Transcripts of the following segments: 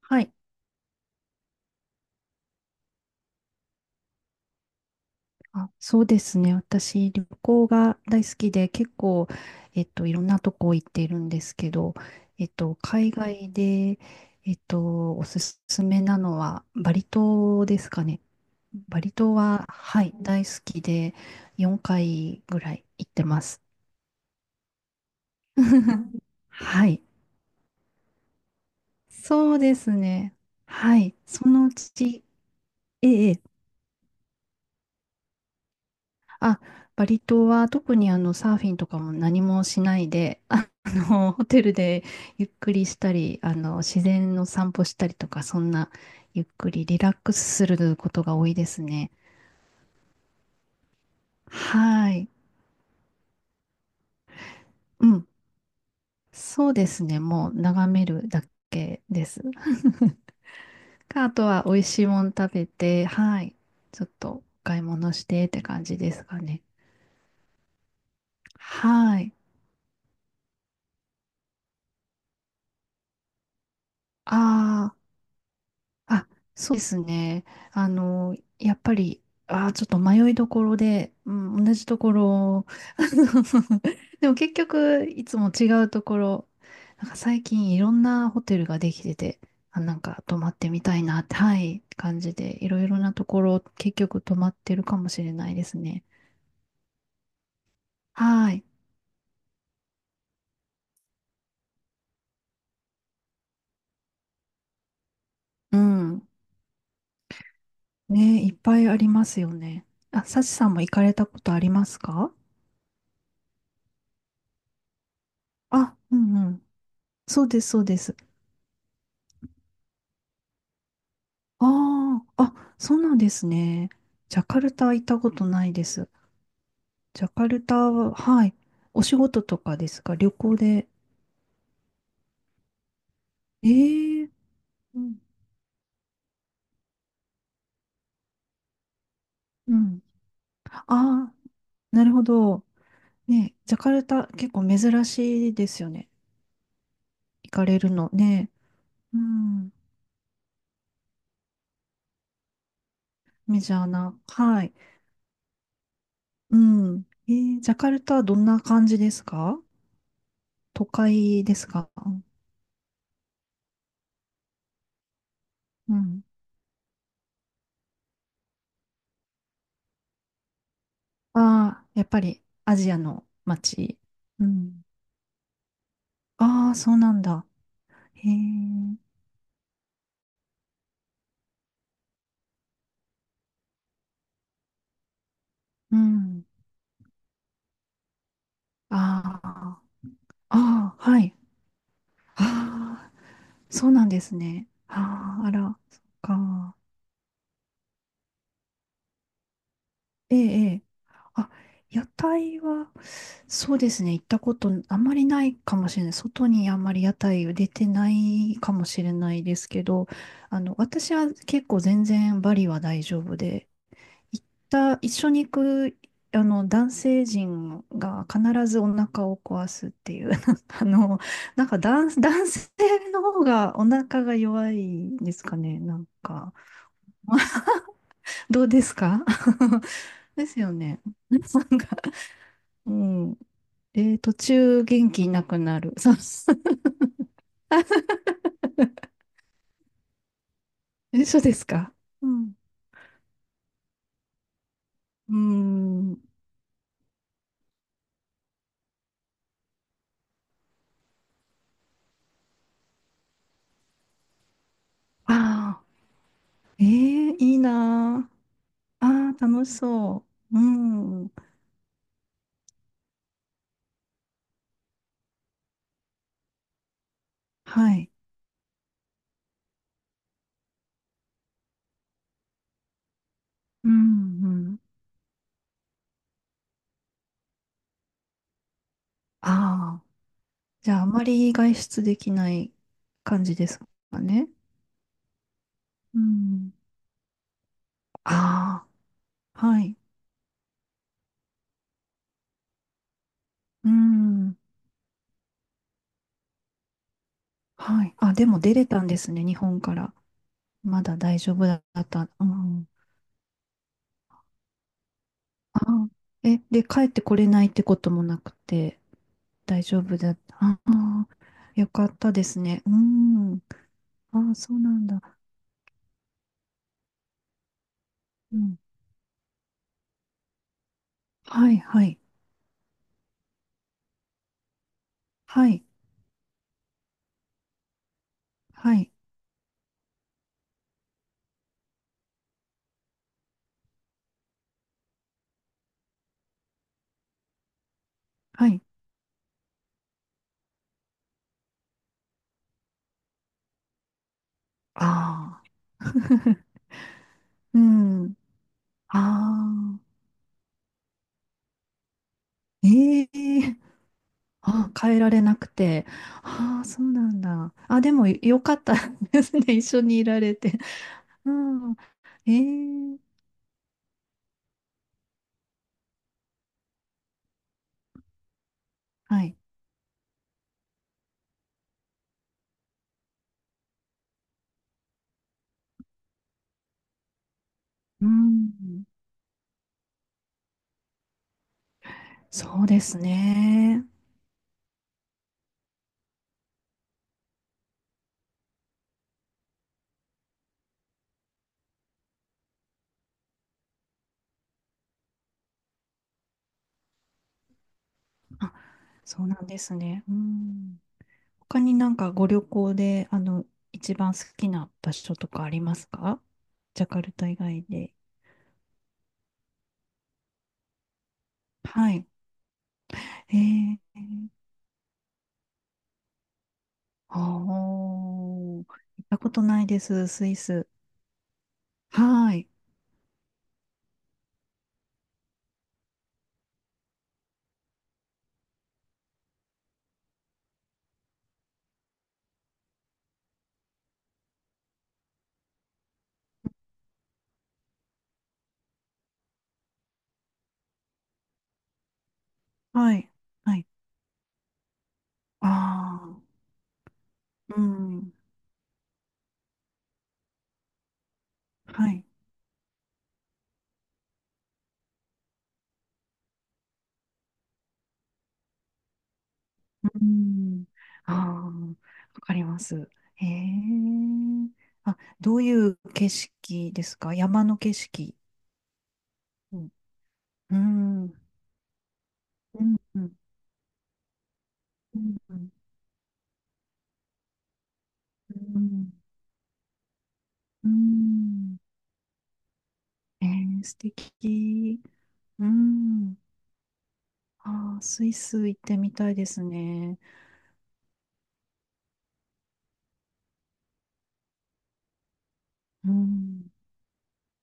はい。あ、そうですね。私、旅行が大好きで、結構、いろんなとこ行っているんですけど、海外で、おすすめなのは、バリ島ですかね。バリ島は、はい、大好きで、4回ぐらい行ってます。はい。そうですね。はい。そのうち、ええ、ええあ、バリ島は特にサーフィンとかも何もしないで、ホテルでゆっくりしたり、あの、自然の散歩したりとか、そんな、ゆっくりリラックスすることが多いですね。はい。うん。そうですね。もう眺めるだけです。か、あとは美味しいもの食べて、はい。ちょっとお買い物してって感じですかね。はい。ああ。あ、そうですね。あの、やっぱり、ちょっと迷いどころで、うん、同じところ、あの でも結局、いつも違うところ、なんか最近いろんなホテルができてて、あ、なんか泊まってみたいなって、はい、感じで、いろいろなところ、結局泊まってるかもしれないですね。はい。うん。ね、いっぱいありますよね。あ、サチさんも行かれたことありますか？あ、うんうん。そうです、そうです。ああ、あ、そうなんですね。ジャカルタ行ったことないです。ジャカルタは、はい。お仕事とかですか、旅行で。ええ、うん。うん。ああ、なるほど。ね、ジャカルタ結構珍しいですよね。行かれるのね。うん。メジャーな。はい。うん。えー、ジャカルタはどんな感じですか？都会ですか？うん。ああ、やっぱりアジアの街。うん。ああ、そうなんだ。へえ、うん。ああ、ああ、はい。ああ、そうなんですね。ああ、あら、そっか。ええ、ええ。あ、屋台は、そうですね、行ったことあんまりないかもしれない。外にあんまり屋台を出てないかもしれないですけど、あの、私は結構全然バリは大丈夫で、行った一緒に行く男性陣が必ずお腹を壊すっていう あの、なんか男性の方がお腹が弱いんですかね、なんか、どうですか？ ですよね。なんか、うん、えー途中元気なくなるそう、えそう ですか？うん、うん、ああ、えー、いいな、あああ楽しそう、うん、はい、うんうん、ああ、じゃああまり外出できない感じですかね。うん。ああ、はい。うん。はい。あ、でも出れたんですね、日本から。まだ大丈夫だった。うん。ああ、え、で、帰ってこれないってこともなくて、大丈夫だった。ああ、よかったですね。うん。ああ、そうなんだ。うん。はい、はい。はい、はい、はい。ああ。うん。ああ。ええ あ、変えられなくて。ああ、そうなんだ。あ、でもよかったですね。一緒にいられて。うん。ええ、はい。うん。そうですね。あ、そうなんですね。うん。他になんかご旅行で、あの、一番好きな場所とかありますか？ジャカルタ以外で。はい。ええ、ああ、行ったことないです、スイス。はい。はい。はい。ああ。うん。はい。うん。ああ、わかります。へえ。あ、どういう景色ですか、山の景色。うん。うん。うん。うん。うん。うん、うん、えー、素敵。うん。あースイス行ってみたいですね。うん。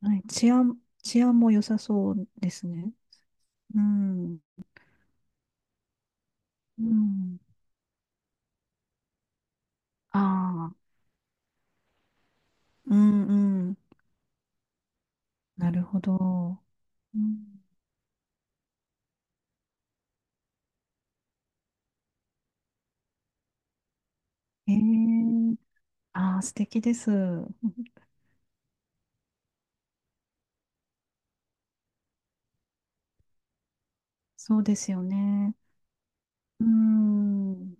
はい。治安も良さそうですね。うん。うん。ああ。うん、うん、なるほど。うん、ええ、ああ、素敵です。そうですよね。うーん。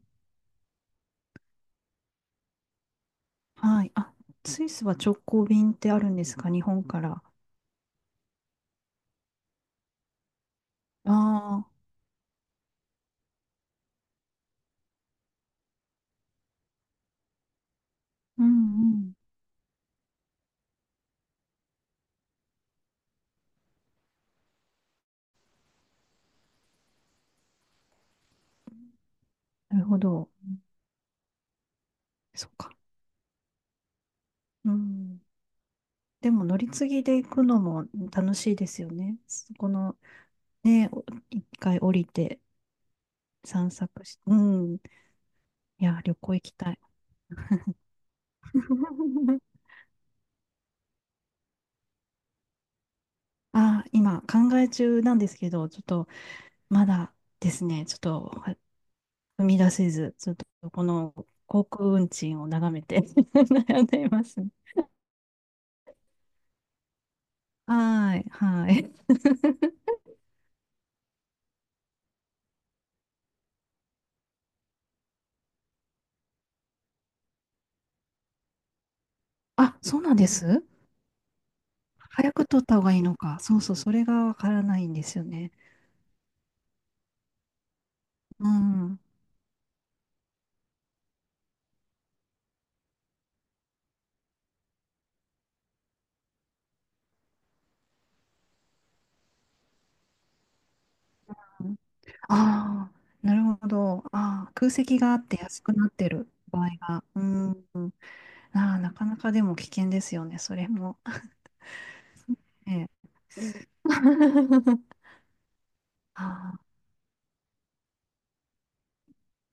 はい。あ、スイスは直行便ってあるんですか、日本から。ああ、うんうん。なるほど。そっか。うん。でも乗り継ぎで行くのも楽しいですよね。そこの、ね、お一回降りて散策して、うん。いや、旅行行きたい。ああ、今考え中なんですけど、ちょっとまだですね、ちょっとは踏み出せず、ちょっとこの航空運賃を眺めて 悩んでいます。はーい、はーい。あ、そうなんです。早く取った方がいいのか。そうそう、それがわからないんですよね。うん。ああ、なるほど。ああ、空席があって安くなってる場合が。うん。ああ、なかなかでも危険ですよね、それも。ええ。ああ、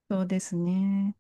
そうですね。